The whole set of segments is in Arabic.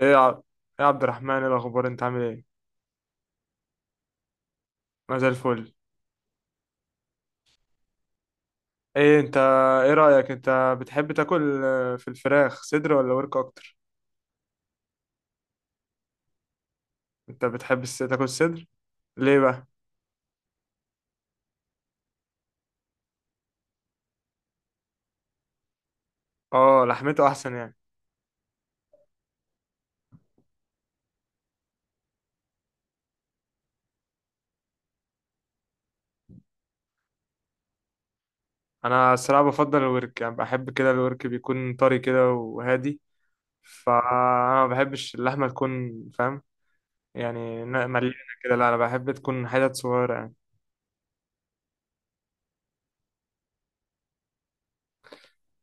ايه، إيه يا عبد الرحمن، ايه الاخبار؟ انت عامل ايه؟ ما زي الفل. ايه انت ايه رايك، انت بتحب تاكل في الفراخ صدر ولا ورك اكتر؟ انت بتحب تاكل صدر؟ ليه بقى؟ اه، لحمته احسن يعني. انا الصراحه بفضل الورك، يعني بحب كده الورك بيكون طري كده وهادي، فانا ما بحبش اللحمه تكون، فاهم؟ يعني مليانه كده. لا انا بحب تكون حتت صغيره يعني.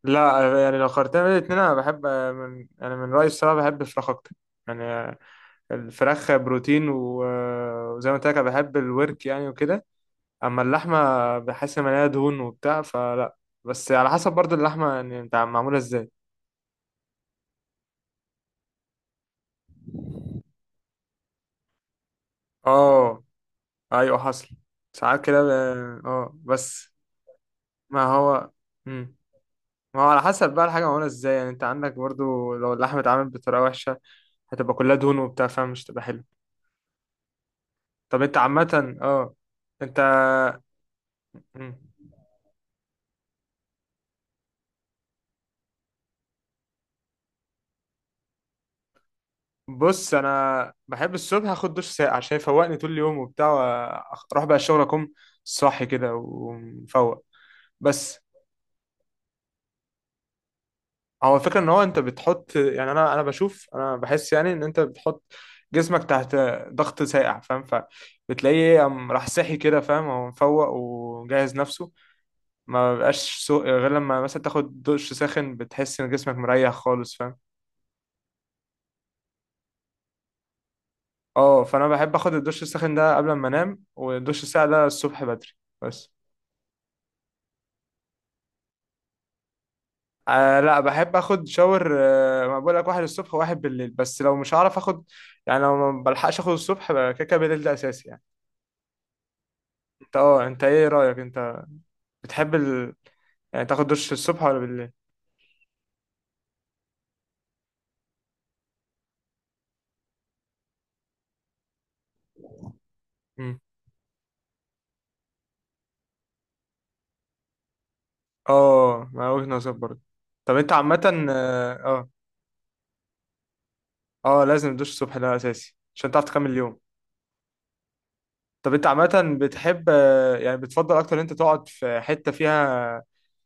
لا يعني، لو قارنتها بين الاتنين، انا بحب من يعني، من رايي الصراحه بحب الفراخ اكتر. يعني الفراخ بروتين وزي ما قلت لك أنا بحب الورك يعني وكده. اما اللحمه، بحس ان هي دهون وبتاع فلا. بس على حسب برضو اللحمه، يعني انت معموله ازاي. اه، ايوه حصل. ساعات كده اه، بس. ما هو. مم. ما هو على حسب بقى الحاجه معموله ازاي، يعني انت عندك برضو لو اللحمه اتعملت بطريقه وحشه، هتبقى كلها دهون وبتاع، فمش تبقى حلو. طب انت عامه، اه، انت. مم. بص، انا بحب الصبح اخد دش ساقع عشان يفوقني طول اليوم وبتاع، اروح بقى الشغل، اكون صاحي كده ومفوق. بس هو الفكره ان هو انت بتحط، يعني انا بشوف، انا بحس يعني ان انت بتحط جسمك تحت ضغط ساقع، فاهم؟ فبتلاقيه قام راح صاحي كده، فاهم، هو مفوق وجهز نفسه. ما بقاش سوق غير لما مثلا تاخد دش ساخن، بتحس ان جسمك مريح خالص، فاهم. اه، فانا بحب اخد الدش الساخن ده قبل ما انام، والدش الساقع ده الصبح بدري. بس. آه، لا بحب اخد شاور، ما بقول لك، واحد الصبح وواحد بالليل، بس لو مش هعرف اخد، يعني لو ما بلحقش اخد الصبح، بقى كده كده بالليل ده اساسي يعني. انت ايه رايك، انت بتحب ال... يعني تاخد دش الصبح ولا بالليل؟ مم. اه، ما وجهة نظر برضه. طب انت عامه، اه اه. لازم تدوش الصبح ده اساسي عشان تعرف تكمل اليوم. طب انت عامة، بتحب يعني بتفضل اكتر انت تقعد في حتة فيها،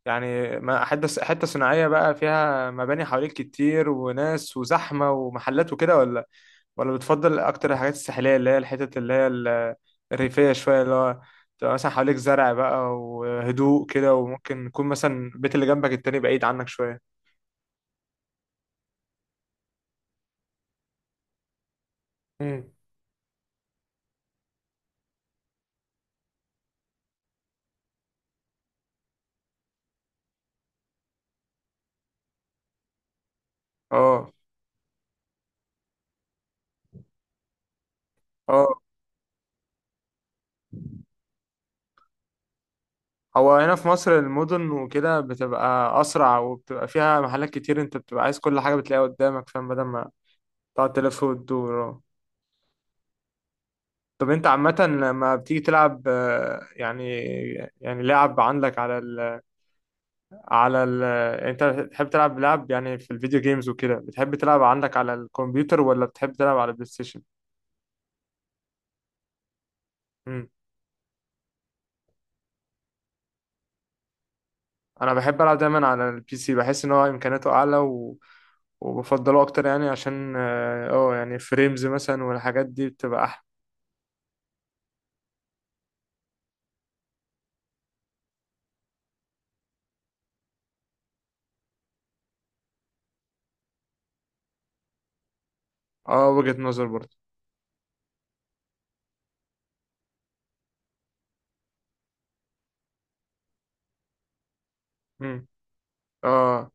يعني حتة صناعية بقى فيها مباني حواليك كتير وناس وزحمة ومحلات وكده، ولا بتفضل اكتر الحاجات الساحلية اللي هي الحتت اللي هي الريفية شوية، اللي هو تبقى مثلا حواليك زرع بقى وهدوء كده، وممكن يكون مثلا البيت اللي جنبك التاني بعيد عنك شوية. مم. اه اه. هو هنا في مصر المدن وكده بتبقى أسرع، وبتبقى فيها محلات كتير، أنت بتبقى عايز كل حاجة بتلاقيها قدامك، فاهم؟ بدل ما تقعد تلف وتدور، اه. طب أنت عامة لما بتيجي تلعب، يعني، يعني لعب عندك على ال على ال أنت بتحب تلعب لعب يعني في الفيديو جيمز وكده، بتحب تلعب عندك على الكمبيوتر ولا بتحب تلعب على البلاي ستيشن؟ مم. أنا بحب ألعب دايما على البي سي، بحس إن هو إمكانياته أعلى، و وبفضله أكتر يعني عشان يعني فريمز مثلا والحاجات دي بتبقى أحلى. اه، وجهة نظر برضه. امم. اه.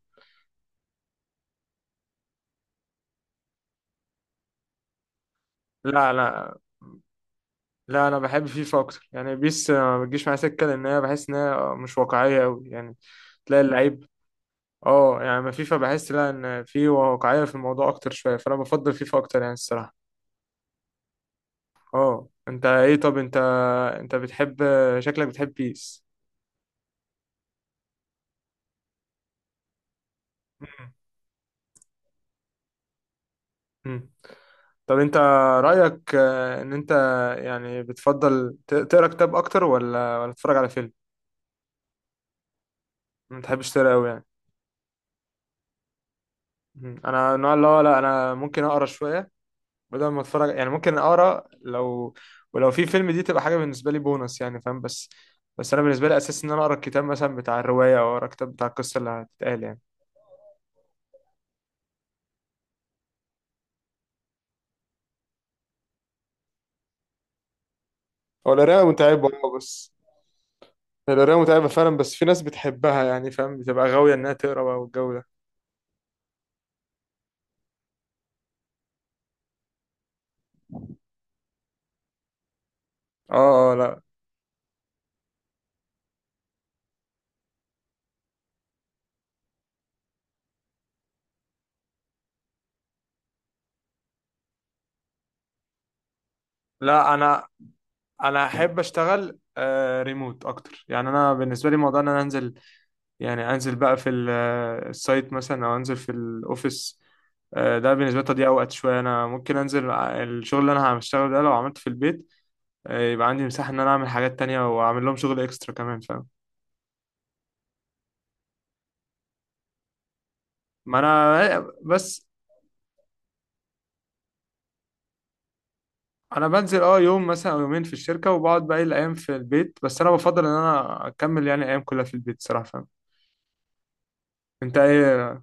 لا لا لا، انا بحب فيفا اكتر، يعني بيس ما بتجيش معايا سكه، لان انا بحس انها مش واقعيه قوي يعني، تلاقي اللعيب. اه يعني، ما فيفا بحس لا ان في واقعيه في الموضوع اكتر شويه، فانا بفضل فيفا اكتر يعني الصراحه. اه، انت ايه؟ طب انت، انت بتحب، شكلك بتحب بيس؟ مم. مم. طب انت رايك ان انت يعني بتفضل تقرا كتاب اكتر، ولا تتفرج على فيلم؟ ما بتحبش تقرا قوي يعني. مم. انا النوع اللي هو، لا انا ممكن اقرا شويه بدل ما اتفرج يعني، ممكن اقرا، لو ولو في فيلم دي تبقى حاجه بالنسبه لي بونص يعني، فاهم؟ بس انا بالنسبه لي، اساس ان انا اقرا الكتاب مثلا بتاع الروايه، او اقرا الكتاب بتاع القصه اللي هتتقال يعني. هو القراية متعبة اه، بس هي القراية متعبة فعلا، بس في ناس بتحبها يعني، فاهم؟ بتبقى غاوية إنها تقرا بقى والجو ده. اه اه، لا لا، انا احب اشتغل ريموت اكتر، يعني انا بالنسبه لي موضوع ان انا انزل، يعني انزل بقى في السايت مثلا، او انزل في الاوفيس، ده بالنسبه لي تضييع وقت شويه، انا ممكن انزل الشغل اللي انا هشتغله ده لو عملته في البيت، يبقى عندي مساحه ان انا اعمل حاجات تانية، واعمل لهم شغل اكسترا كمان، فاهم. ما انا بس انا بنزل اه يوم مثلا او يومين في الشركه، وبقعد باقي الايام في البيت، بس انا بفضل ان انا اكمل يعني الايام كلها في البيت صراحه، فاهم. انت ايه؟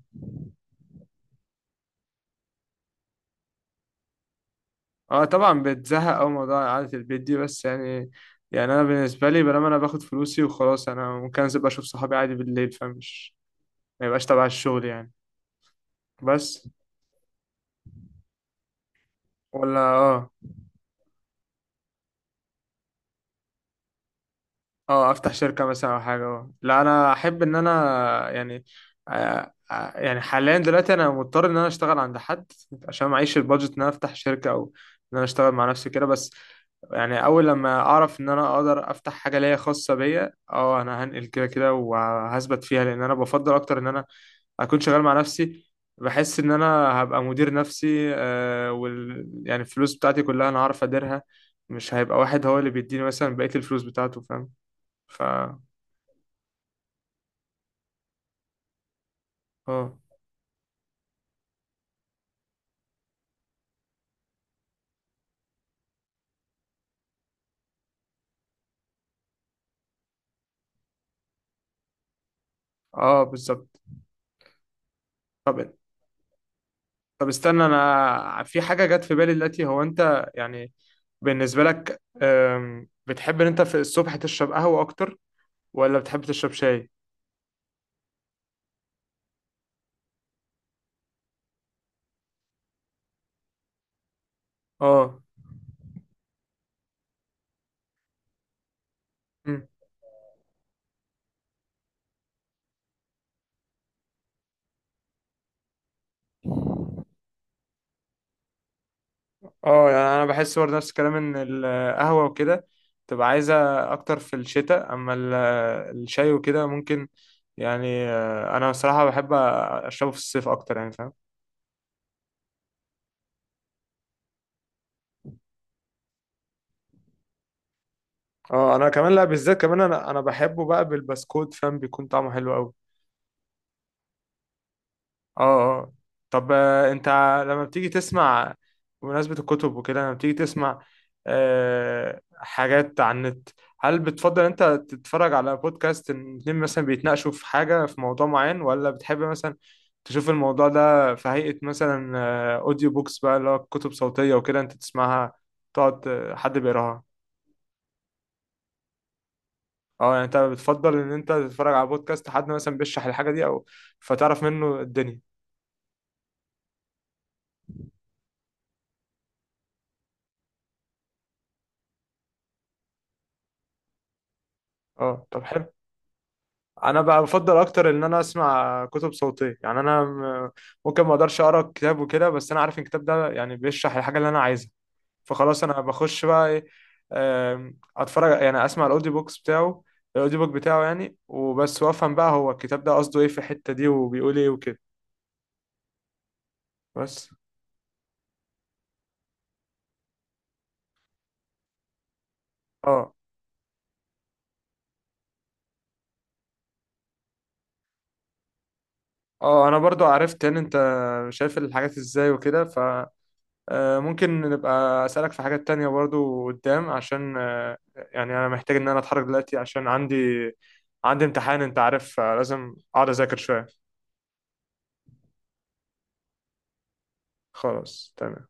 اه طبعا بتزهق أوي موضوع إعادة البيت دي، بس يعني، يعني أنا بالنسبة لي، بلما أنا باخد فلوسي وخلاص، أنا ممكن أنزل بقى أشوف صحابي عادي بالليل، فمش ما يبقاش تبع الشغل يعني. بس. ولا اه. اه أفتح شركة مثلا أو حاجة، اه، لا أنا أحب إن أنا يعني يعني حاليا دلوقتي أنا مضطر إن أنا أشتغل عند حد عشان معيش البادجت إن أنا أفتح شركة، أو إن أنا أشتغل مع نفسي كده. بس يعني اول لما اعرف ان انا اقدر افتح حاجه ليا خاصه بيا، اه انا هنقل كده كده وهثبت فيها، لان انا بفضل اكتر ان انا اكون شغال مع نفسي. بحس ان انا هبقى مدير نفسي، آه وال يعني الفلوس بتاعتي كلها انا هعرف اديرها، مش هيبقى واحد هو اللي بيديني مثلا بقيه الفلوس بتاعته، فاهم؟ ف اه اه، بالظبط. طب طب استنى، انا في حاجه جت في بالي دلوقتي، هو انت يعني بالنسبه لك بتحب ان انت في الصبح تشرب قهوه اكتر ولا بتحب تشرب شاي؟ اه. مم. اه يعني انا بحس برضه نفس الكلام، ان القهوه وكده تبقى عايزه اكتر في الشتاء، اما الشاي وكده ممكن، يعني انا بصراحه بحب اشربه في الصيف اكتر يعني، فاهم. اه، انا كمان لا، بالذات كمان انا بحبه بقى بالبسكوت، فاهم، بيكون طعمه حلو قوي. اه اه. طب انت لما بتيجي تسمع، بمناسبة الكتب وكده، لما بتيجي تسمع حاجات على النت، هل بتفضل انت تتفرج على بودكاست ان اتنين مثلا بيتناقشوا في حاجة في موضوع معين، ولا بتحب مثلا تشوف الموضوع ده في هيئة مثلا اوديو بوكس بقى، اللي هو كتب صوتية وكده انت تسمعها، تقعد حد بيقراها؟ اه يعني، انت بتفضل ان انت تتفرج على بودكاست حد مثلا بيشرح الحاجة دي، او فتعرف منه الدنيا. اه، طب حلو. انا بقى بفضل اكتر ان انا اسمع كتب صوتيه، يعني انا ممكن ما اقدرش اقرا كتاب وكده، بس انا عارف إن الكتاب ده يعني بيشرح الحاجه اللي انا عايزها، فخلاص انا بخش بقى ايه، اتفرج يعني، اسمع الاوديو بوكس بتاعه، الاوديو بوك بتاعه يعني، وبس وافهم بقى هو الكتاب ده قصده ايه في الحته دي وبيقول ايه وكده. بس. اه اه، انا برضو عرفت ان انت شايف الحاجات ازاي وكده، ممكن نبقى أسألك في حاجات تانية برضو قدام، عشان يعني أنا محتاج إن أنا أتحرك دلوقتي عشان عندي امتحان، أنت عارف، لازم أقعد أذاكر شوية. خلاص تمام.